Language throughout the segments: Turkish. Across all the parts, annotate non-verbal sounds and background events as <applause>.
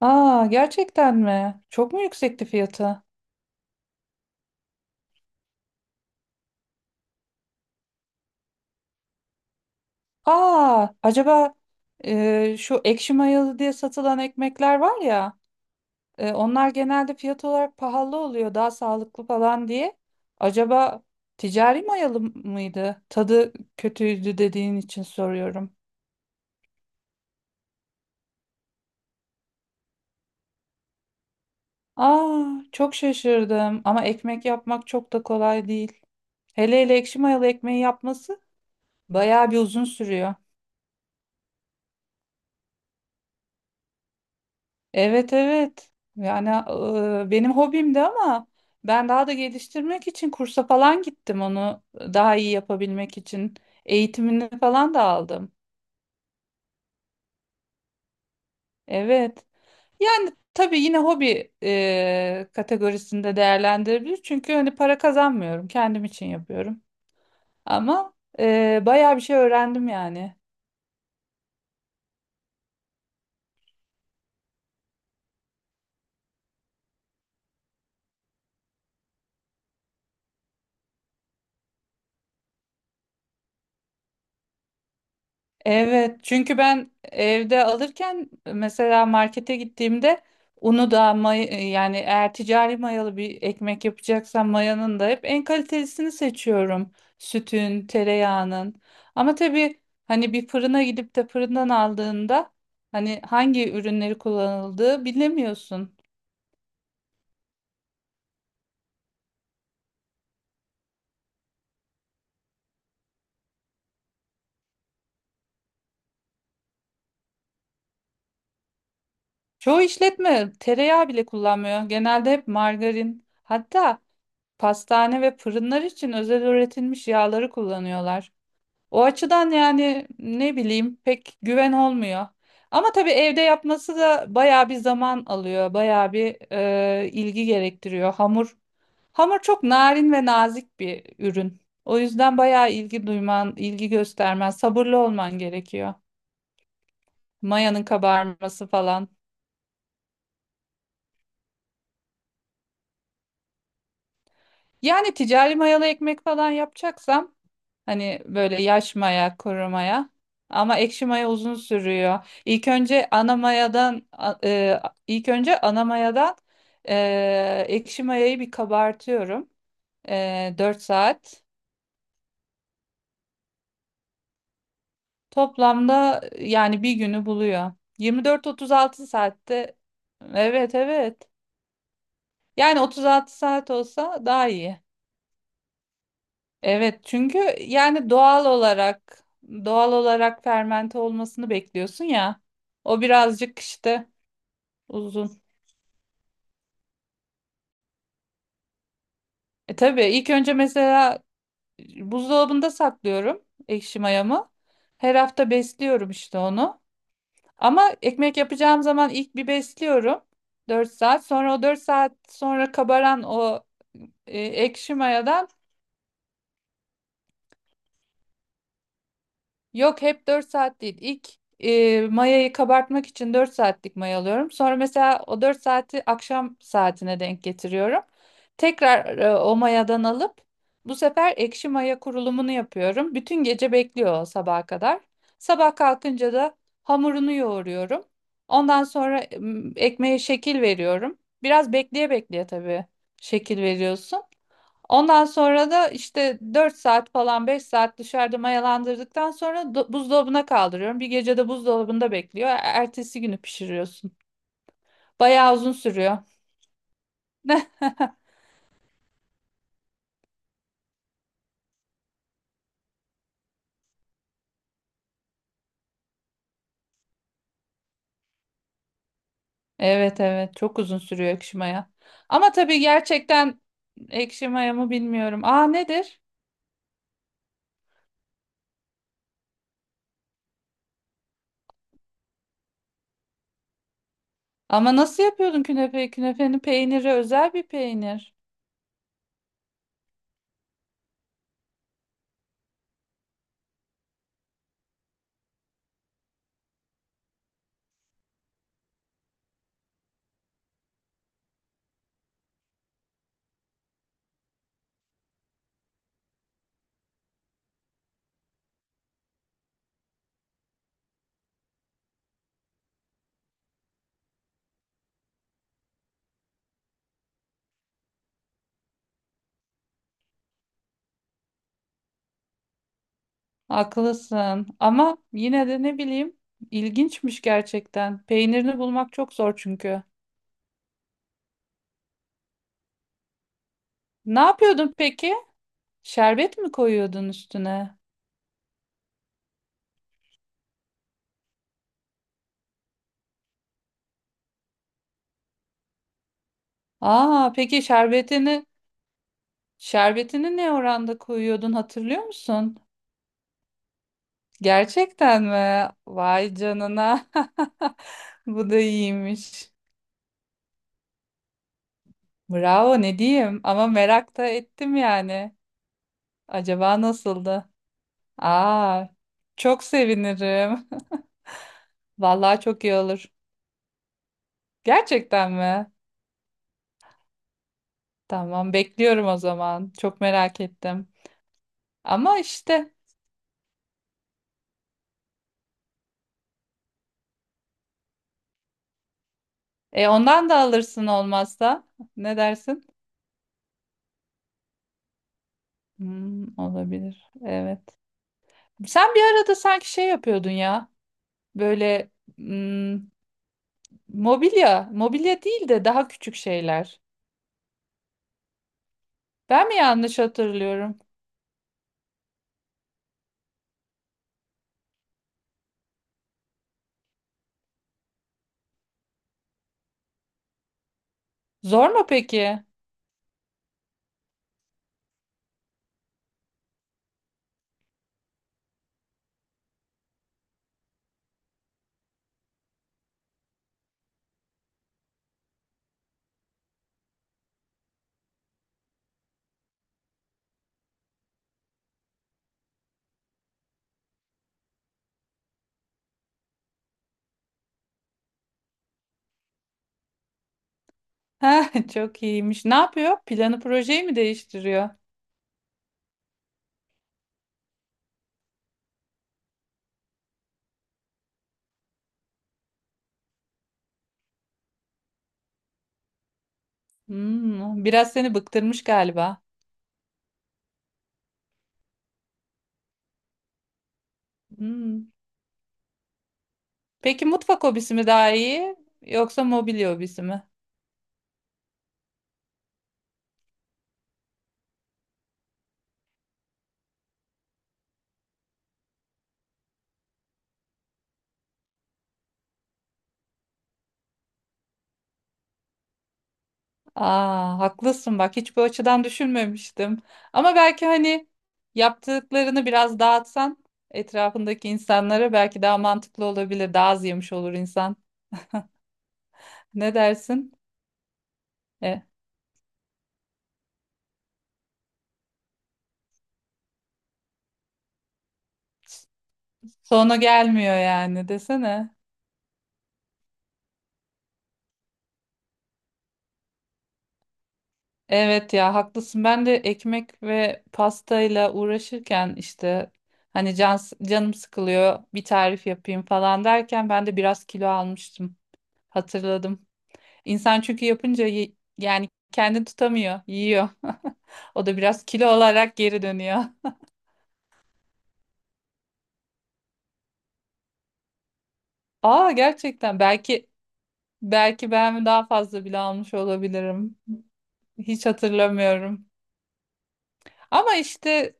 Aa, gerçekten mi? Çok mu yüksekti fiyatı? Aa, acaba, şu ekşi mayalı diye satılan ekmekler var ya, onlar genelde fiyat olarak pahalı oluyor, daha sağlıklı falan diye. Acaba ticari mayalı mıydı? Tadı kötüydü dediğin için soruyorum. Aa, çok şaşırdım ama ekmek yapmak çok da kolay değil. Hele hele ekşi mayalı ekmeği yapması bayağı bir uzun sürüyor. Evet, evet. Yani benim hobimdi ama ben daha da geliştirmek için kursa falan gittim onu daha iyi yapabilmek için. Eğitimini falan da aldım. Evet. Yani tabii yine hobi kategorisinde değerlendirebilir. Çünkü hani para kazanmıyorum. Kendim için yapıyorum. Ama bayağı bir şey öğrendim yani. Evet, çünkü ben evde alırken mesela markete gittiğimde unu da yani eğer ticari mayalı bir ekmek yapacaksam mayanın da hep en kalitelisini seçiyorum. Sütün, tereyağının. Ama tabii hani bir fırına gidip de fırından aldığında hani hangi ürünleri kullanıldığı bilemiyorsun. Çoğu işletme tereyağı bile kullanmıyor. Genelde hep margarin. Hatta pastane ve fırınlar için özel üretilmiş yağları kullanıyorlar. O açıdan yani ne bileyim pek güven olmuyor. Ama tabii evde yapması da bayağı bir zaman alıyor, bayağı bir ilgi gerektiriyor. Hamur çok narin ve nazik bir ürün. O yüzden bayağı ilgi duyman, ilgi göstermen, sabırlı olman gerekiyor. Mayanın kabarması falan. Yani ticari mayalı ekmek falan yapacaksam hani böyle yaş maya, kuru maya. Ama ekşi maya uzun sürüyor. İlk önce ana mayadan ekşi mayayı bir kabartıyorum. 4 saat. Toplamda yani bir günü buluyor. 24-36 saatte. Evet, evet. Yani 36 saat olsa daha iyi. Evet çünkü yani doğal olarak fermente olmasını bekliyorsun ya. O birazcık işte uzun. E, tabii ilk önce mesela buzdolabında saklıyorum ekşi mayamı. Her hafta besliyorum işte onu. Ama ekmek yapacağım zaman ilk bir besliyorum. Dört saat. Sonra o 4 saat sonra kabaran o ekşi mayadan. Yok, hep 4 saat değil. İlk mayayı kabartmak için 4 saatlik maya alıyorum. Sonra mesela o 4 saati akşam saatine denk getiriyorum. Tekrar o mayadan alıp bu sefer ekşi maya kurulumunu yapıyorum. Bütün gece bekliyor o sabaha kadar. Sabah kalkınca da hamurunu yoğuruyorum. Ondan sonra ekmeğe şekil veriyorum. Biraz bekleye bekleye tabii şekil veriyorsun. Ondan sonra da işte 4 saat falan 5 saat dışarıda mayalandırdıktan sonra buzdolabına kaldırıyorum. Bir gece de buzdolabında bekliyor. Ertesi günü pişiriyorsun. Bayağı uzun sürüyor. <laughs> Evet, evet, çok uzun sürüyor ekşi maya. Ama tabii gerçekten ekşi maya mı bilmiyorum. Aa, nedir? Ama nasıl yapıyordun künefe? Künefenin peyniri özel bir peynir. Haklısın. Ama yine de ne bileyim ilginçmiş gerçekten. Peynirini bulmak çok zor çünkü. Ne yapıyordun peki? Şerbet mi koyuyordun üstüne? Aa, peki şerbetini ne oranda koyuyordun hatırlıyor musun? Gerçekten mi? Vay canına. <laughs> Bu da iyiymiş. Bravo, ne diyeyim, ama merak da ettim yani. Acaba nasıldı? Aa, çok sevinirim. <laughs> Vallahi çok iyi olur. Gerçekten mi? Tamam, bekliyorum o zaman. Çok merak ettim. Ama işte. Ondan da alırsın olmazsa. Ne dersin? Hmm, olabilir. Evet. Sen bir arada sanki şey yapıyordun ya. Böyle, hmm, mobilya, mobilya değil de daha küçük şeyler. Ben mi yanlış hatırlıyorum? Zor mu peki? <laughs> Ha, çok iyiymiş. Ne yapıyor? Planı projeyi mi değiştiriyor? Hmm, biraz seni bıktırmış galiba. Hmm. Peki mutfak hobisi mi daha iyi yoksa mobilya hobisi mi? Aa, haklısın bak, hiç bu açıdan düşünmemiştim. Ama belki hani yaptıklarını biraz dağıtsan etrafındaki insanlara belki daha mantıklı olabilir. Daha az yemiş olur insan. Ne dersin? E, Sonu gelmiyor yani, desene. Evet ya, haklısın. Ben de ekmek ve pastayla uğraşırken işte hani canım sıkılıyor bir tarif yapayım falan derken ben de biraz kilo almıştım. Hatırladım. İnsan çünkü yapınca yani kendini tutamıyor, yiyor. <laughs> O da biraz kilo olarak geri dönüyor. <laughs> Aa, gerçekten, belki ben daha fazla bile almış olabilirim. Hiç hatırlamıyorum. Ama işte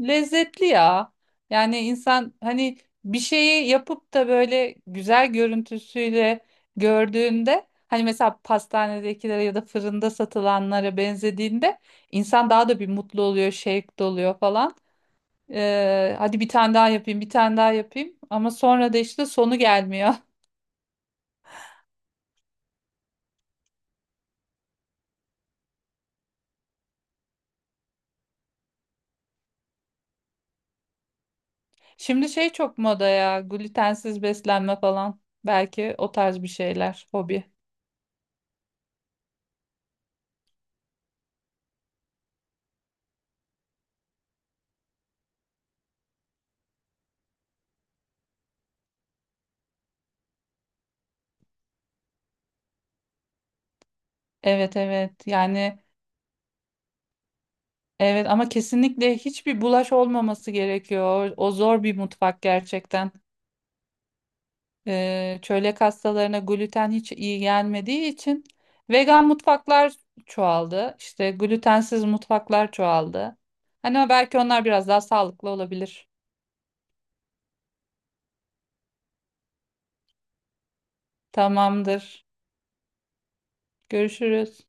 lezzetli ya. Yani insan hani bir şeyi yapıp da böyle güzel görüntüsüyle gördüğünde hani mesela pastanedekilere ya da fırında satılanlara benzediğinde insan daha da bir mutlu oluyor, şevk doluyor falan. Hadi bir tane daha yapayım, bir tane daha yapayım. Ama sonra da işte sonu gelmiyor. <laughs> Şimdi şey çok moda ya, glutensiz beslenme falan. Belki o tarz bir şeyler, hobi. Evet, evet, yani evet, ama kesinlikle hiçbir bulaş olmaması gerekiyor. O zor bir mutfak gerçekten. Çölyak hastalarına gluten hiç iyi gelmediği için vegan mutfaklar çoğaldı. İşte glutensiz mutfaklar çoğaldı. Hani belki onlar biraz daha sağlıklı olabilir. Tamamdır. Görüşürüz.